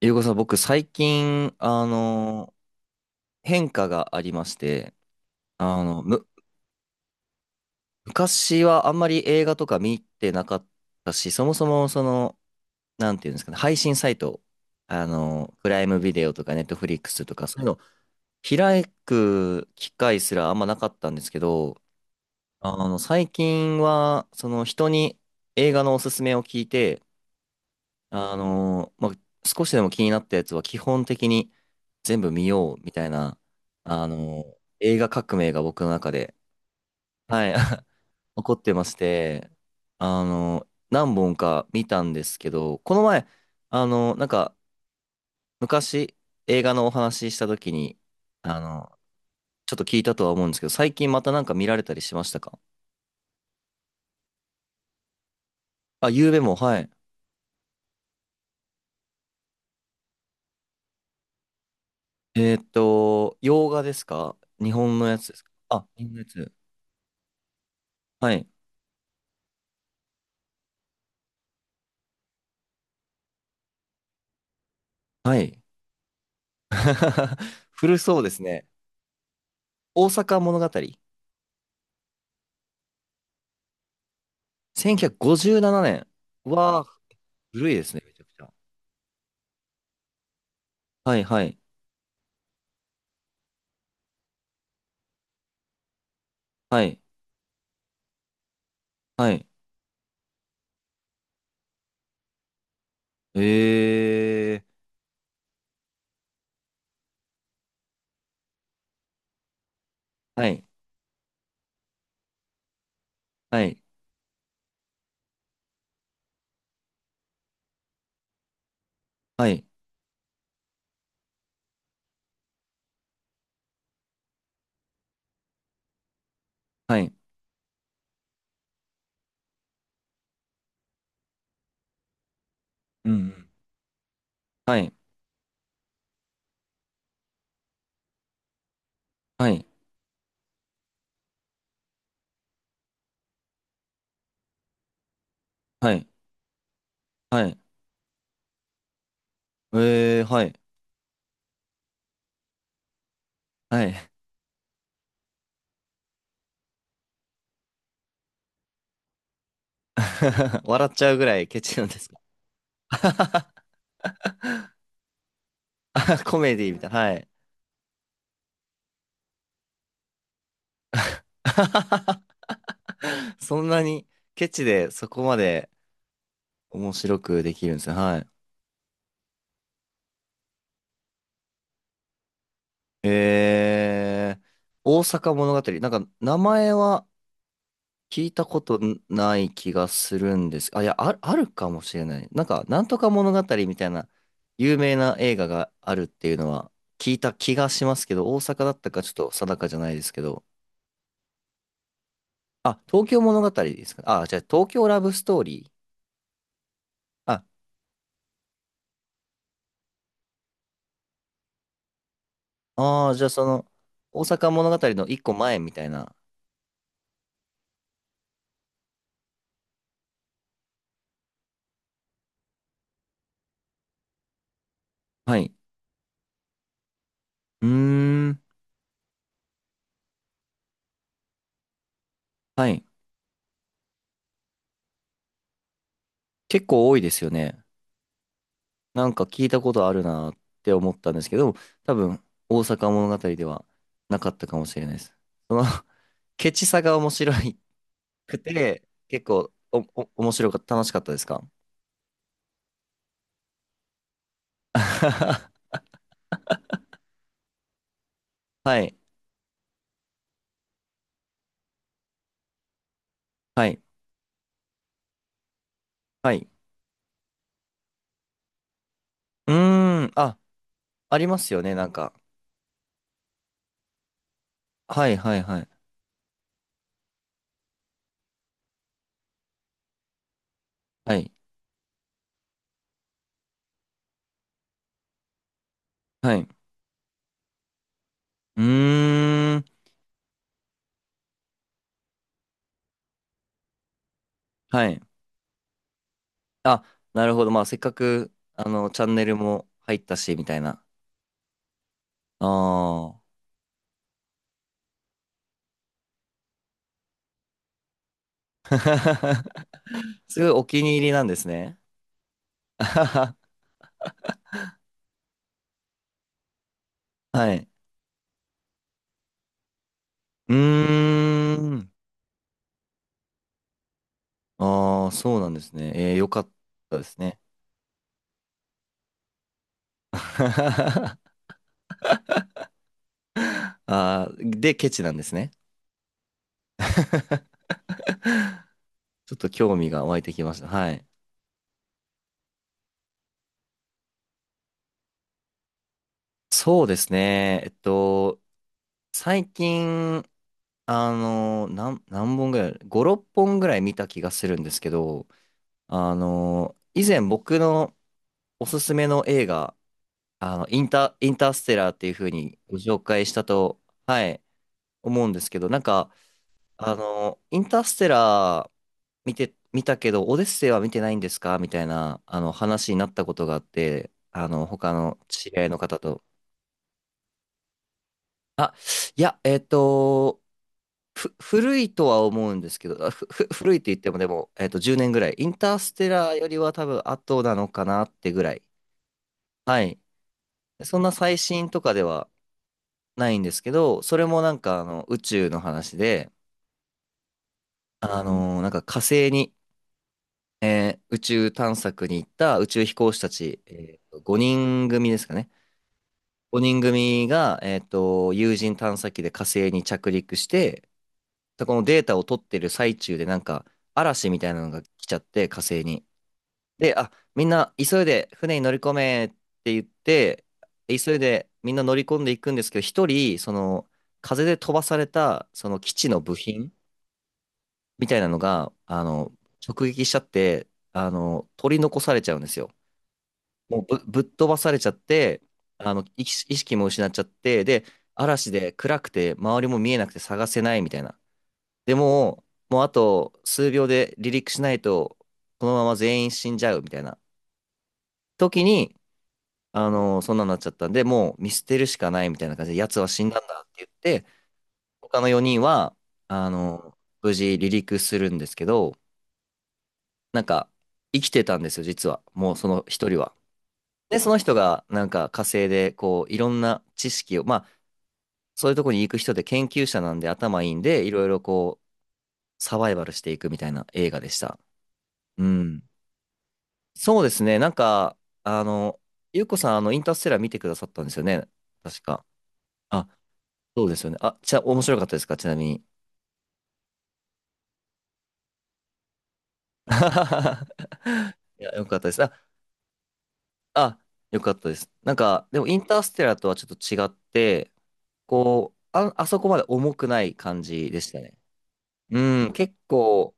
ゆうこさん、僕最近、変化がありまして、あの、む、昔はあんまり映画とか見てなかったし、そもそもなんていうんですかね、配信サイト、プライムビデオとかネットフリックスとか、そういうの開く機会すらあんまなかったんですけど、最近は、その人に映画のおすすめを聞いて、あの、まあ、少しでも気になったやつは基本的に、全部見ようみたいな、あの、映画革命が僕の中で、はい、起こってまして、何本か見たんですけど、この前、あの、なんか、昔、映画のお話しした時に、あの、ちょっと聞いたとは思うんですけど、最近またなんか見られたりしましたか？あ、ゆうべも、はい。洋画ですか、日本のやつですか？あ、日本のやつ。はい。はい。古そうですね。大阪物語。1957年。う、ひゃくごじゅうななねん、わー、古いですね、めちゃくちゃ。はい、はい、はい、はい。えー、はい、はい、はい、はい。うんうん、はい、はい、はい、はい。えー、はい、はい。笑っちゃうぐらいケチなんですか？ コメディみたいな。はい。そんなにケチでそこまで面白くできるんですね。はい。えー、大阪物語。なんか名前は聞いたことない気がするんです。あ、いや、あ、あるかもしれない。なんか、なんとか物語みたいな有名な映画があるっていうのは聞いた気がしますけど、大阪だったかちょっと定かじゃないですけど。あ、東京物語ですか。あ、じゃあ東京ラブストーリー。あ、あーじゃあその、大阪物語の一個前みたいな。はい。うーん。はい。結構多いですよね。なんか聞いたことあるなって思ったんですけど、多分、大阪物語ではなかったかもしれないです。その ケチさが面白くて、結構、面白かった、楽しかったですか？ はい、はい、はい。うーん、あ、ありますよね、なんか。はい、はい、はい、はい、はい。うーん、はい。あ、なるほど。まあ、せっかく、チャンネルも入ったし、みたいな。ああ。すごいお気に入りなんですね。あはは、はい。うーん。ああ、そうなんですね。えー、よかったですね。ああ、で、ケチなんですね。ちょっと興味が湧いてきました。はい。そうですね。えっと、最近、何本ぐらい、5、6本ぐらい見た気がするんですけど、以前僕のおすすめの映画、インターステラーっていう風にご紹介したと、はい、思うんですけど、インターステラー見たけど、オデッセイは見てないんですかみたいな、話になったことがあって、あの、他の知り合いの方と。あ、いや、古いとは思うんですけど、あふ、ふ、古いって言ってもでも、えっと、10年ぐらい。インターステラーよりは多分後なのかなってぐらい。はい。そんな最新とかではないんですけど、それもなんかあの宇宙の話で、なんか火星に宇宙探索に行った宇宙飛行士たち、えーと、5人組ですかね。5人組が、えーと、有人探査機で火星に着陸して、そこのデータを取ってる最中でなんか嵐みたいなのが来ちゃって火星に。で、あ、みんな急いで船に乗り込めって言って、急いでみんな乗り込んでいくんですけど、一人、その風で飛ばされたその基地の部品みたいなのが、直撃しちゃって、取り残されちゃうんですよ。もうぶっ飛ばされちゃって、意識も失っちゃって、で、嵐で暗くて周りも見えなくて探せないみたいな。でも、もうあと数秒で離陸しないと、このまま全員死んじゃうみたいな時に、そんなになっちゃったんで、もう見捨てるしかないみたいな感じで、奴は死んだんだって言って、他の4人は、あの、無事離陸するんですけど、なんか、生きてたんですよ、実は。もうその1人は。で、その人がなんか火星でこういろんな知識を、まあそういうとこに行く人で研究者なんで頭いいんで、いろいろこうサバイバルしていくみたいな映画でした。うん。そうですね。あの、ゆうこさん、インターステラー見てくださったんですよね。確か。あ、そうですよね。あ、じゃあ面白かったですかちなみに。いや、よかったです。あ、あ、よかったです。なんか、でもインターステラーとはちょっと違って、あそこまで重くない感じでしたね。うん、結構、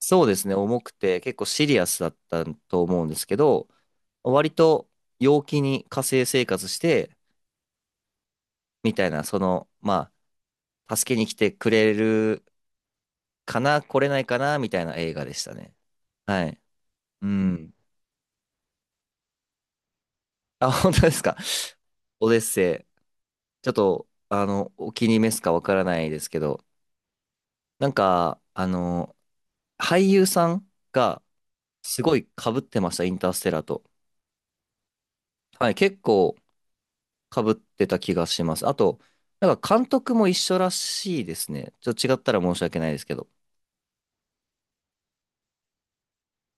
そうですね、重くて、結構シリアスだったと思うんですけど、割と陽気に火星生活して、みたいな、助けに来てくれるかな、来れないかな、みたいな映画でしたね。はい。うん。あ、本当ですか。オデッセイ。ちょっと、お気に召すかわからないですけど、なんか、あの、俳優さんが、すごい被ってました、インターステラーと。はい、結構、かぶってた気がします。あと、なんか監督も一緒らしいですね。ちょっと違ったら申し訳ないですけど。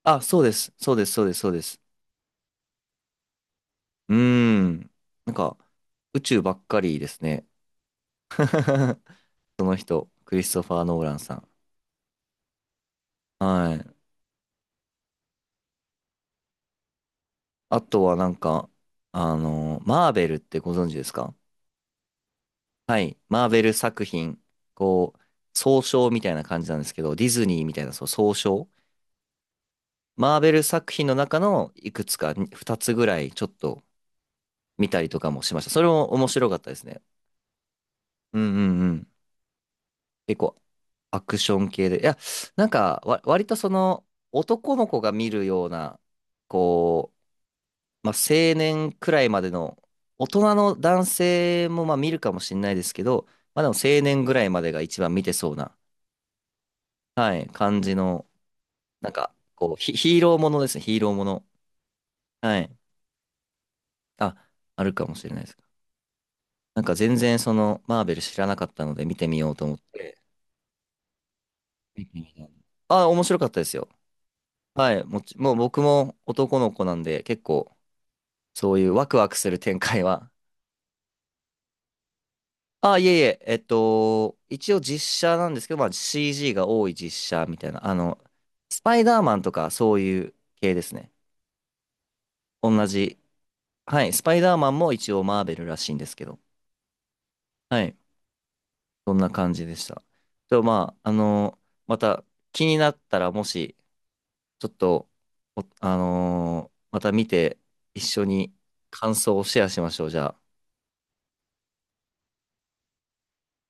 あ、そうです。そうです。そうです。そうです。うーん。なんか、宇宙ばっかりですね。その人、クリストファー・ノーランさん。はい。あとはなんか、マーベルってご存知ですか？はい。マーベル作品、こう、総称みたいな感じなんですけど、ディズニーみたいな、そう、総称。マーベル作品の中のいくつか、2つぐらい、ちょっと、見たりとかもしました。それも面白かったですね。うんうんうん。結構アクション系で。いや、なんかわ、割とその男の子が見るような、こう、青年くらいまでの大人の男性もまあ見るかもしれないですけど、まあでも青年ぐらいまでが一番見てそうな、はい、感じの、なんか、ヒーローものですね、ヒーローもの。はい。あ、あるかもしれないです。なんか全然そのマーベル知らなかったので見てみようと思って。あ、面白かったですよ。はい。もう僕も男の子なんで、結構、そういうワクワクする展開は。あ、いえいえ、えっと、一応実写なんですけど、まあ CG が多い実写みたいな。あの、スパイダーマンとかそういう系ですね。同じ。はい。スパイダーマンも一応マーベルらしいんですけど。はい。そんな感じでした。と、まあ、また気になったら、もし、ちょっと、おあのーまた見て、一緒に感想をシェアしましょう、じゃあ。